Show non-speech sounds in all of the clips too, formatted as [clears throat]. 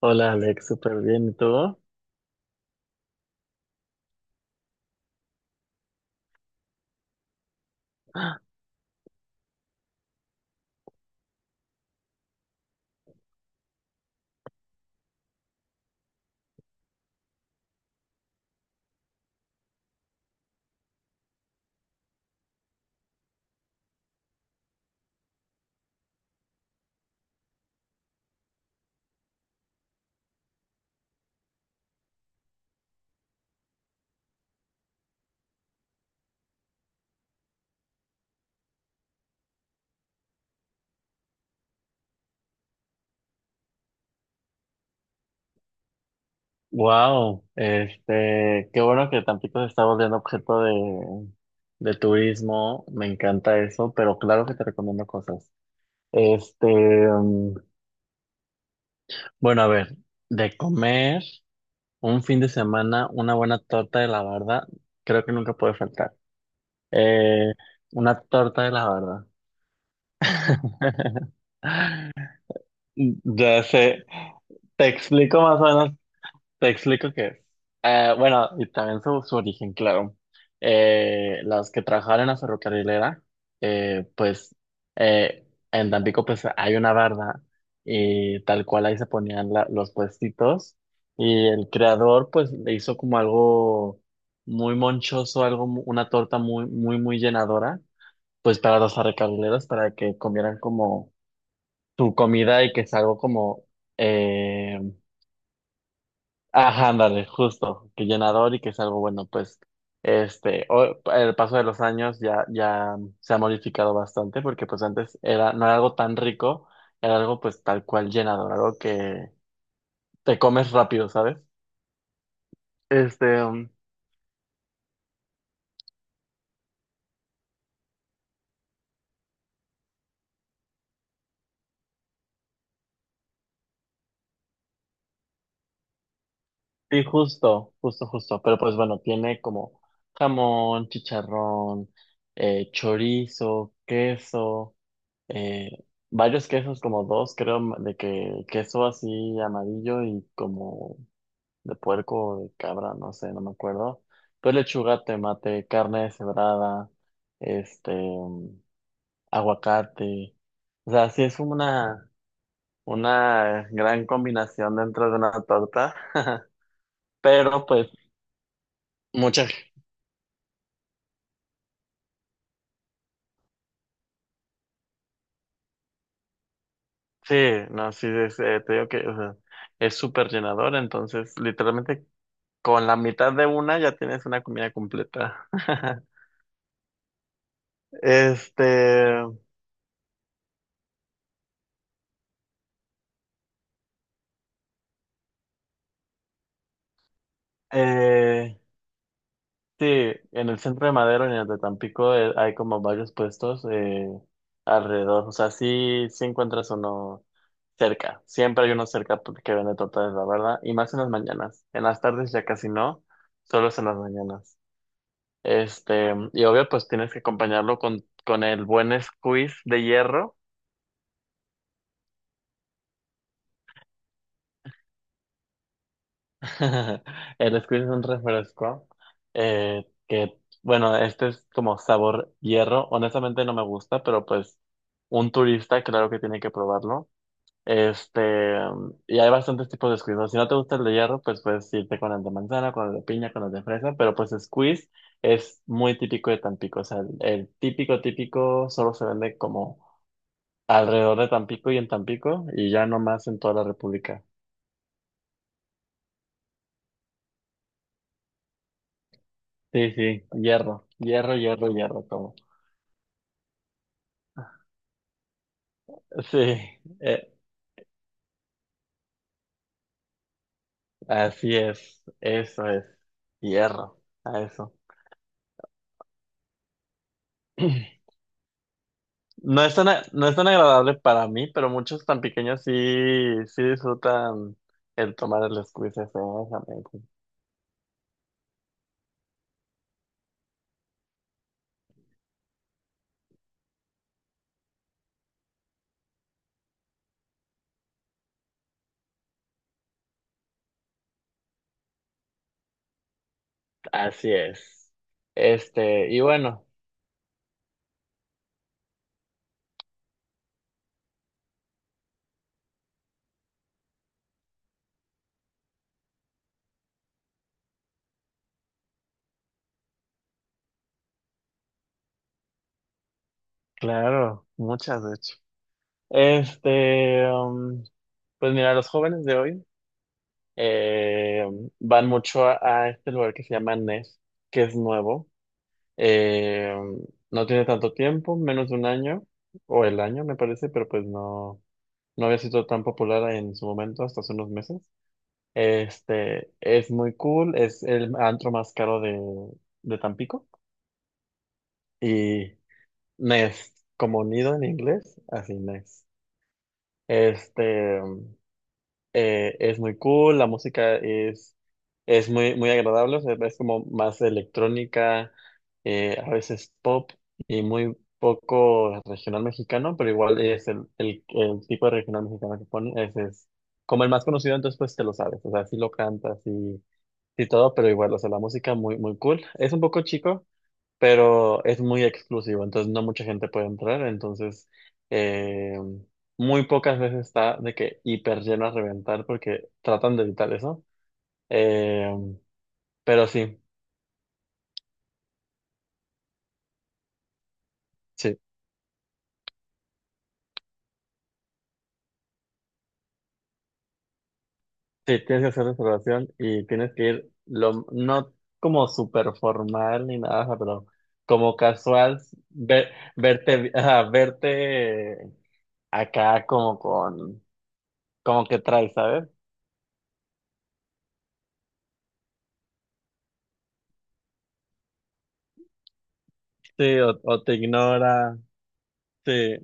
Hola Alex, súper bien. ¿Y tú? Wow, qué bueno que Tampico se está volviendo objeto de turismo. Me encanta eso, pero claro que te recomiendo cosas. Este, mm, bueno, a ver, de comer un fin de semana, una buena torta de la barda, creo que nunca puede faltar. Eh, una torta de la barda. [laughs] Ya sé. Te explico más o menos. Te explico qué es. Bueno, y también su origen, claro. Las que trabajaban en la ferrocarrilera, eh, pues eh, en Tampico pues hay una barda y tal cual ahí se ponían los puestitos y el creador pues le hizo como algo muy monchoso, una torta muy, muy, muy llenadora, pues para los ferrocarrileros, para que comieran como su comida y que es algo como... eh, Ajá, ándale, justo, que llenador y que es algo bueno, pues, el paso de los años ya se ha modificado bastante, porque pues antes era, no era algo tan rico, era algo pues tal cual llenador, algo que te comes rápido, ¿sabes? Este, um, sí, justo, justo, justo, pero pues bueno, tiene como jamón, chicharrón, chorizo, queso, eh, varios quesos, como dos, creo, de que queso así amarillo y como de puerco o de cabra, no sé, no me acuerdo. Pues lechuga, tomate, carne deshebrada, este, mm, aguacate. O sea, una gran combinación dentro de una torta, [laughs] pero pues muchas, sí, no, sí, te digo que, o sea, es súper llenador, entonces literalmente con la mitad de una ya tienes una comida completa. [laughs] Este, eh, Sí, en el centro de Madero y en el de Tampico hay como varios puestos alrededor. O sea, sí, sí encuentras uno cerca. Siempre hay uno cerca que vende tortas, la verdad. Y más en las mañanas. En las tardes ya casi no, solo es en las mañanas. Este, y obvio, pues tienes que acompañarlo con el buen squeeze de hierro. [laughs] El squeeze es un refresco eh, que, bueno, este es como sabor hierro. Honestamente no me gusta, pero pues un turista claro que tiene que probarlo. Este, y hay bastantes tipos de squeeze, ¿no? Si no te gusta el de hierro, pues puedes irte con el de manzana, con el de piña, con el de fresa, pero pues squeeze es muy típico de Tampico. O sea, el típico, típico solo se vende como alrededor de Tampico y en Tampico y ya no más en toda la República. Sí, sí, hierro, hierro, hierro, hierro, como. Sí, eh, así es, eso es, hierro, a eso. [clears throat] No es tan agradable para mí, pero muchos tan pequeños sí, sí disfrutan el tomar el squeeze ese, exactamente. Así es. Este, y bueno, claro, muchas de hecho. Este, um, pues mira, los jóvenes de hoy eh, van mucho a este lugar que se llama NES, que es nuevo. Eh, no tiene tanto tiempo, menos de un año, o el año me parece, pero pues no, no había sido tan popular en su momento hasta hace unos meses. Este, es muy cool, es el antro más caro de Tampico y Nest, como nido en inglés, así Nest. Este, es muy cool, es muy, muy agradable, o sea, es como más electrónica, a veces pop y muy poco regional mexicano, pero igual es el tipo de regional mexicano que ponen, es como el más conocido, entonces pues te lo sabes, o sea, sí lo cantas y todo, pero igual, o sea, la música muy, muy cool. Es un poco chico, pero es muy exclusivo, entonces no mucha gente puede entrar, entonces eh, muy pocas veces está de que hiper lleno a reventar porque tratan de evitar eso. Eh, pero sí, sí, sí, tienes que hacer reservación y tienes que ir, lo, no como súper formal ni nada, ajá, pero como casual, ver- ajá, verte acá como con, como que traes, ¿sabes? Sí, o te ignora, sí.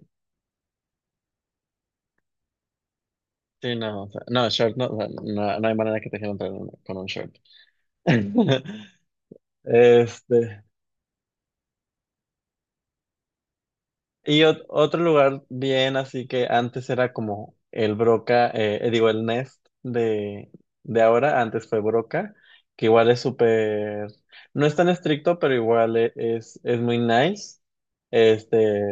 Sí, no, o sea, no, short, no, o sea, no, no hay manera que te quieran con un short. [laughs] Este, y otro lugar bien, así que antes era como el Broca, digo, el Nest de ahora, antes fue Broca, que igual es súper, no es tan estricto, pero igual es muy nice. Este,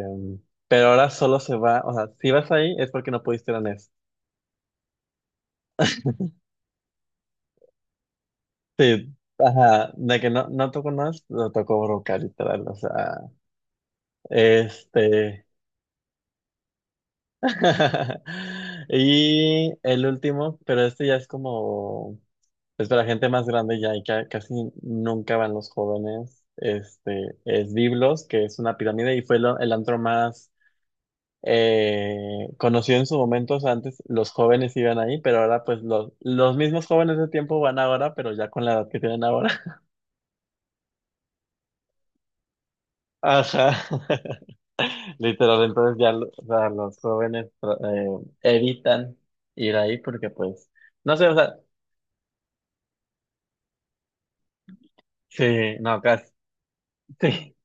pero ahora solo se va, o sea, si vas ahí es porque no pudiste ir a Nest. Sí, ajá, de que no, no tocó Nest, lo tocó Broca, literal, o sea. Este. [laughs] Y el último, pero este ya es como, pues para gente más grande ya y casi nunca van los jóvenes. Este es Biblos, que es una pirámide y fue el antro más conocido en su momento. O sea, antes los jóvenes iban ahí, pero ahora pues los mismos jóvenes de tiempo van ahora, pero ya con la edad que tienen ahora. [laughs] Ajá. Literal, entonces ya o sea, los jóvenes evitan ir ahí porque pues, no sé, o sea, sí, no, casi, [laughs] sí,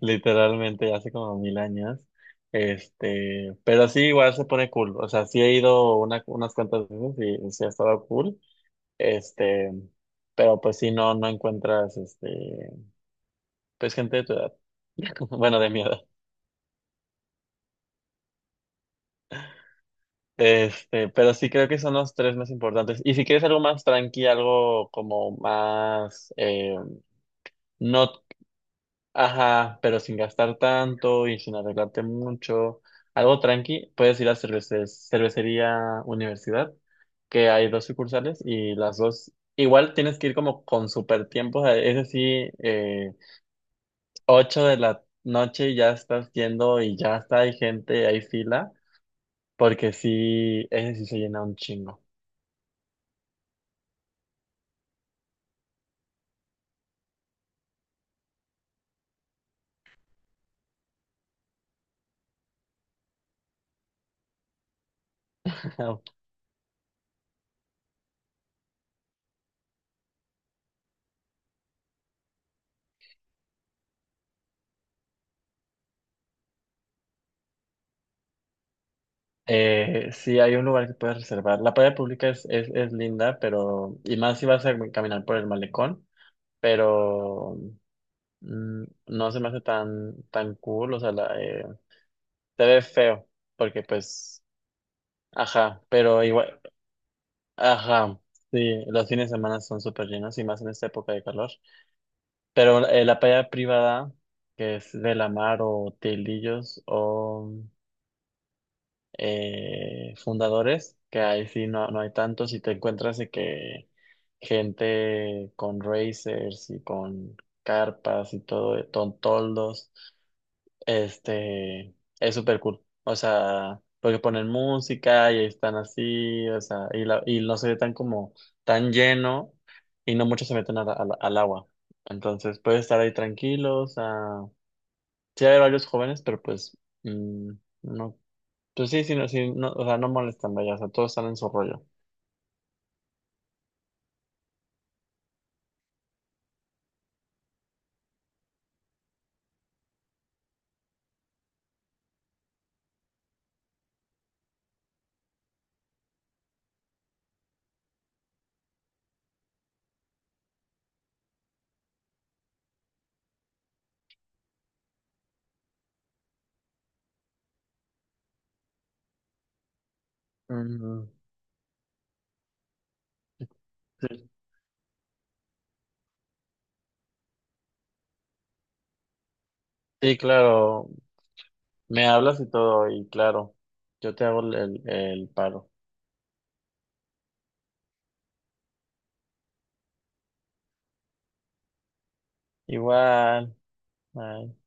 literalmente hace como mil años, este, pero sí, igual se pone cool, o sea, sí he ido una, unas cuantas veces y sí ha estado cool, este, pero pues sí, no, no encuentras, este, pues gente de tu edad, [laughs] bueno, de mi edad. Este, pero sí creo que son los tres más importantes. Y si quieres algo más tranqui, algo como más, no, ajá, pero sin gastar tanto y sin arreglarte mucho. Algo tranqui, puedes ir a cervecería universidad, que hay dos sucursales y las dos. Igual tienes que ir como con super tiempos. Es decir, 8 de la noche y ya estás yendo y ya está, hay gente, hay fila, porque sí, ese sí se llena un chingo. [laughs] Sí, hay un lugar que puedes reservar. La playa pública es linda, pero, y más si vas a caminar por el malecón. Pero mm, no se me hace tan, tan cool, o sea, se ve feo, porque pues, ajá, pero igual, ajá, sí, los fines de semana son súper llenos y más en esta época de calor, pero la playa privada, que es de la mar o Tildillos o Fundadores, que ahí sí no, no hay tantos y te encuentras de que gente con racers y con carpas y todo, con toldos. Este, es súper cool. O sea, porque ponen música y están así, o sea, y no se ve tan como tan lleno y no muchos se meten al agua. Entonces puedes estar ahí tranquilos. O sea, sí hay varios jóvenes, pero pues mm, no, pues sí, sí, no, sí, no, o sea, no molestan, vaya, o sea, todos están en su rollo. Ujú. Sí, sí, claro, me hablas y todo, y claro, yo te hago el paro. Igual. Bye.